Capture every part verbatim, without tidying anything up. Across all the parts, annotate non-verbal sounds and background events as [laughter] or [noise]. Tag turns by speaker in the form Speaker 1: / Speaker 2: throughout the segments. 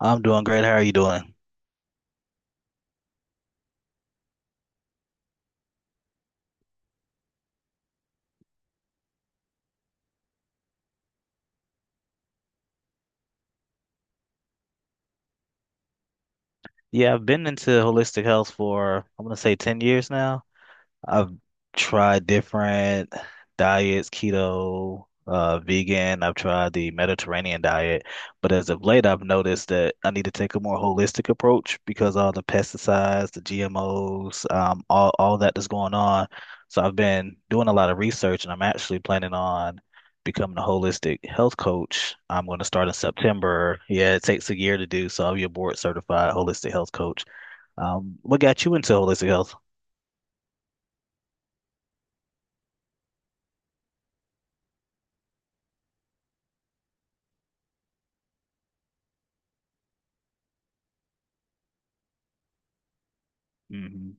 Speaker 1: I'm doing great. How are you doing? Yeah, I've been into holistic health for, I'm gonna say ten years now. I've tried different diets, keto, uh, vegan. I've tried the Mediterranean diet, but as of late, I've noticed that I need to take a more holistic approach because all the pesticides, the G M Os, um, all all that that's going on. So I've been doing a lot of research, and I'm actually planning on becoming a holistic health coach. I'm going to start in September. Yeah, it takes a year to do, so I'll be a board certified holistic health coach. Um, what got you into holistic health? Hmm.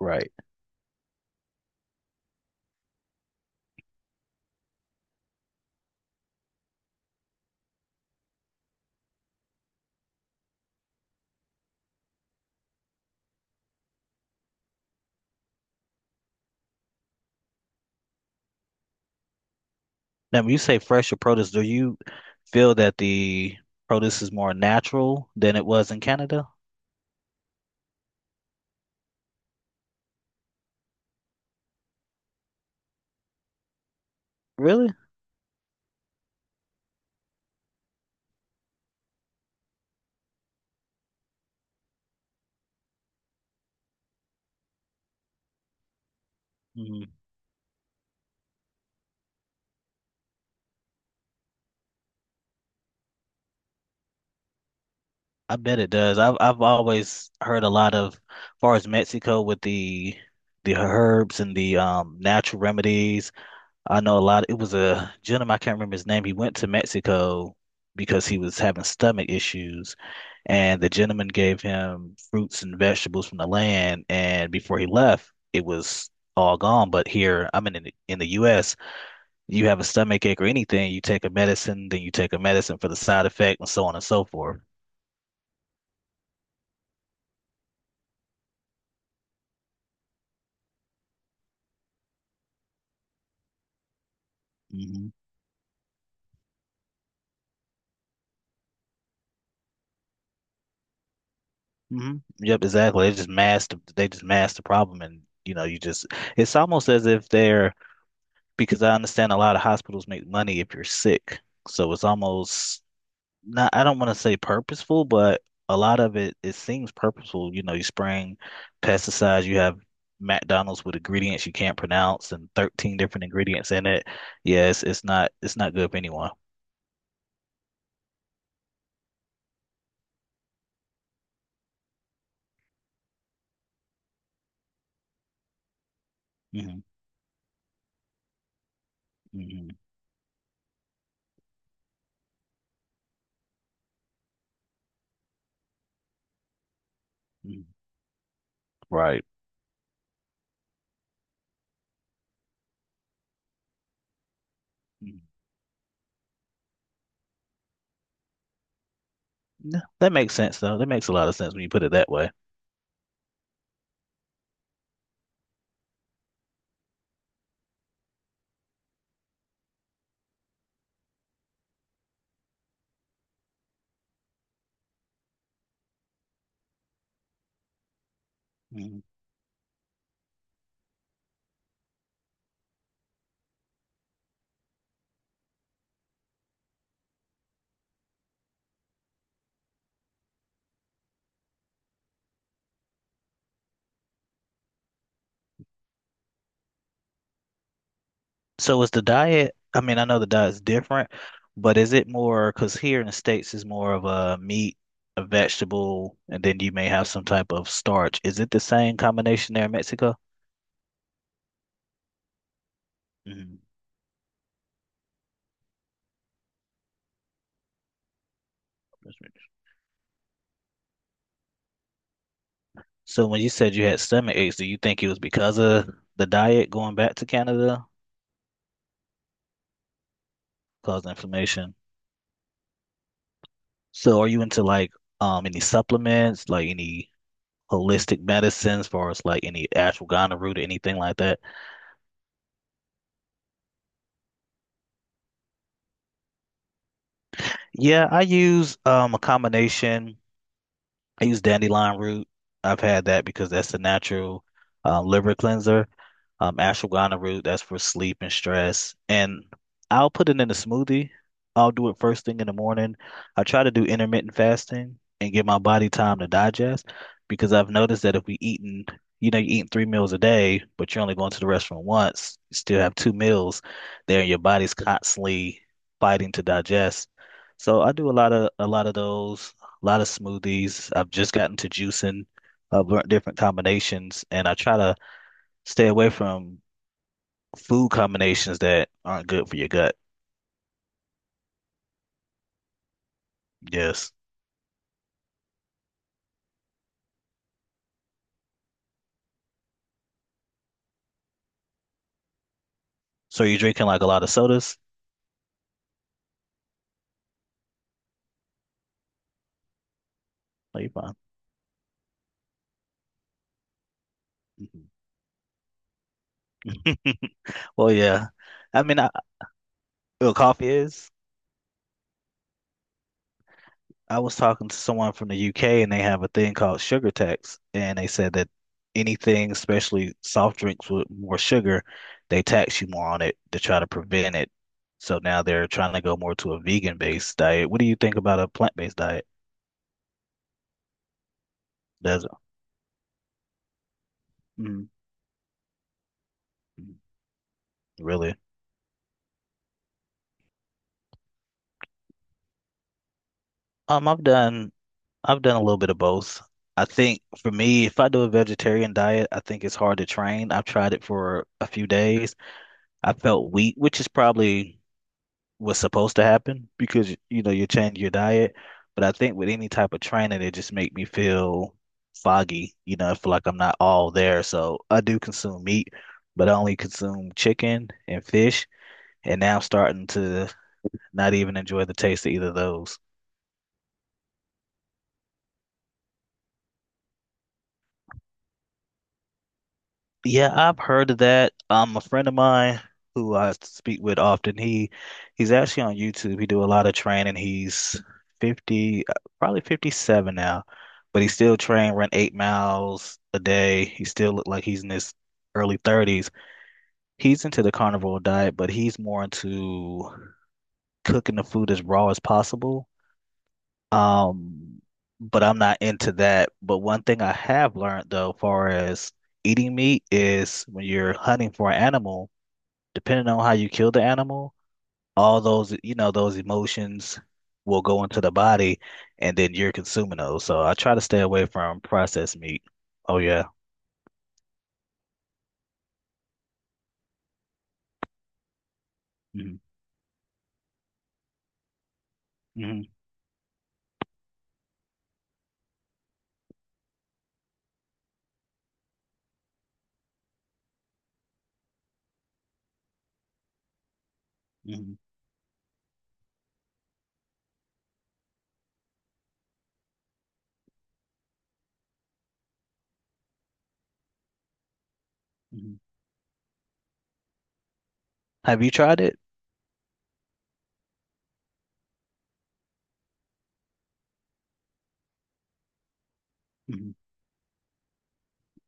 Speaker 1: Right. Now, when you say fresher produce, do you feel that the produce is more natural than it was in Canada? Really? Mm. I bet it does. I've I've always heard a lot of, as far as Mexico with the the herbs and the um natural remedies. I know a lot. It was a gentleman, I can't remember his name. He went to Mexico because he was having stomach issues, and the gentleman gave him fruits and vegetables from the land. And before he left, it was all gone. But here, I'm in the, in the U S. You have a stomach ache or anything, you take a medicine, then you take a medicine for the side effect, and so on and so forth. Hmm. Hmm. Yep, exactly. They just masked. They just masked the problem, and you know, you just. It's almost as if they're, because I understand a lot of hospitals make money if you're sick. So it's almost not, I don't want to say purposeful, but a lot of it, it seems purposeful. You know, you spraying pesticides, you have McDonald's with ingredients you can't pronounce and thirteen different ingredients in it. Yes, it's not, it's not good for anyone. Hmm. Hmm. Right. Mhm. Yeah, that makes sense though. That makes a lot of sense when you put it that way. So is the diet, I mean, I know the diet's different, but is it more, because here in the States is more of a meat, a vegetable, and then you may have some type of starch. Is it the same combination there in Mexico? Hmm. So when you said you had stomach aches, do you think it was because of the diet going back to Canada caused inflammation? So are you into like um any supplements, like any holistic medicines, as far as like any ashwagandha root or anything like that? Yeah, I use um a combination. I use dandelion root. I've had that because that's a natural uh, liver cleanser. Um, ashwagandha root, that's for sleep and stress. And I'll put it in a smoothie. I'll do it first thing in the morning. I try to do intermittent fasting and give my body time to digest because I've noticed that if we eating, you know, you're eating three meals a day, but you're only going to the restaurant once, you still have two meals there, and your body's constantly fighting to digest. So I do a lot of a lot of those a lot of smoothies. I've just gotten to juicing. I've learned different combinations, and I try to stay away from food combinations that aren't good for your gut. Yes. So you're drinking like a lot of sodas? Are you fine? Mhm. [laughs] Well, yeah. I mean, I, well, coffee is. I was talking to someone from the U K and they have a thing called sugar tax, and they said that anything, especially soft drinks with more sugar, they tax you more on it to try to prevent it. So now they're trying to go more to a vegan-based diet. What do you think about a plant-based diet? Does it? Mm. Really? Um, I've done I've done a little bit of both. I think for me, if I do a vegetarian diet, I think it's hard to train. I've tried it for a few days. I felt weak, which is probably was supposed to happen because you know you change your diet. But I think with any type of training, it just make me feel foggy. You know, I feel like I'm not all there. So I do consume meat, but I only consume chicken and fish, and now I'm starting to not even enjoy the taste of either of those. Yeah, I've heard of that. Um, a friend of mine who I speak with often, he he's actually on YouTube. He do a lot of training. He's fifty, uh, probably fifty-seven now, but he still train, run eight miles a day. He still look like he's in his early thirties. He's into the carnivore diet, but he's more into cooking the food as raw as possible, um, but I'm not into that. But one thing I have learned though, far as eating meat is when you're hunting for an animal, depending on how you kill the animal, all those, you know, those emotions will go into the body and then you're consuming those. So I try to stay away from processed meat. Oh yeah. Hmm. Hmm. Hmm. Hmm. Have you tried it? Hmm.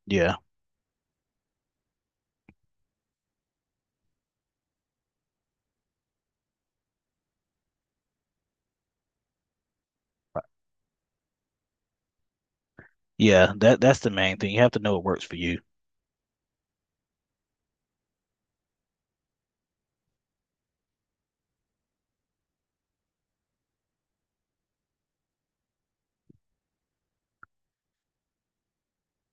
Speaker 1: Yeah. Yeah, that that's the main thing. You have to know what works for you.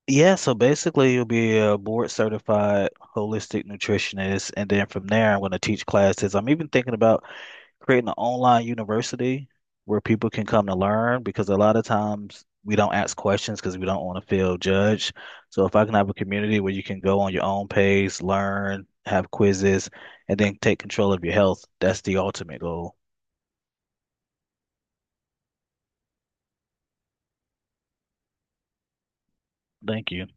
Speaker 1: Yeah, so basically you'll be a board certified holistic nutritionist, and then from there I'm going to teach classes. I'm even thinking about creating an online university where people can come to learn because a lot of times we don't ask questions because we don't want to feel judged. So if I can have a community where you can go on your own pace, learn, have quizzes, and then take control of your health, that's the ultimate goal. Thank you.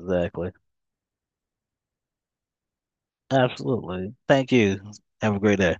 Speaker 1: Exactly. Absolutely. Thank you. Have a great day.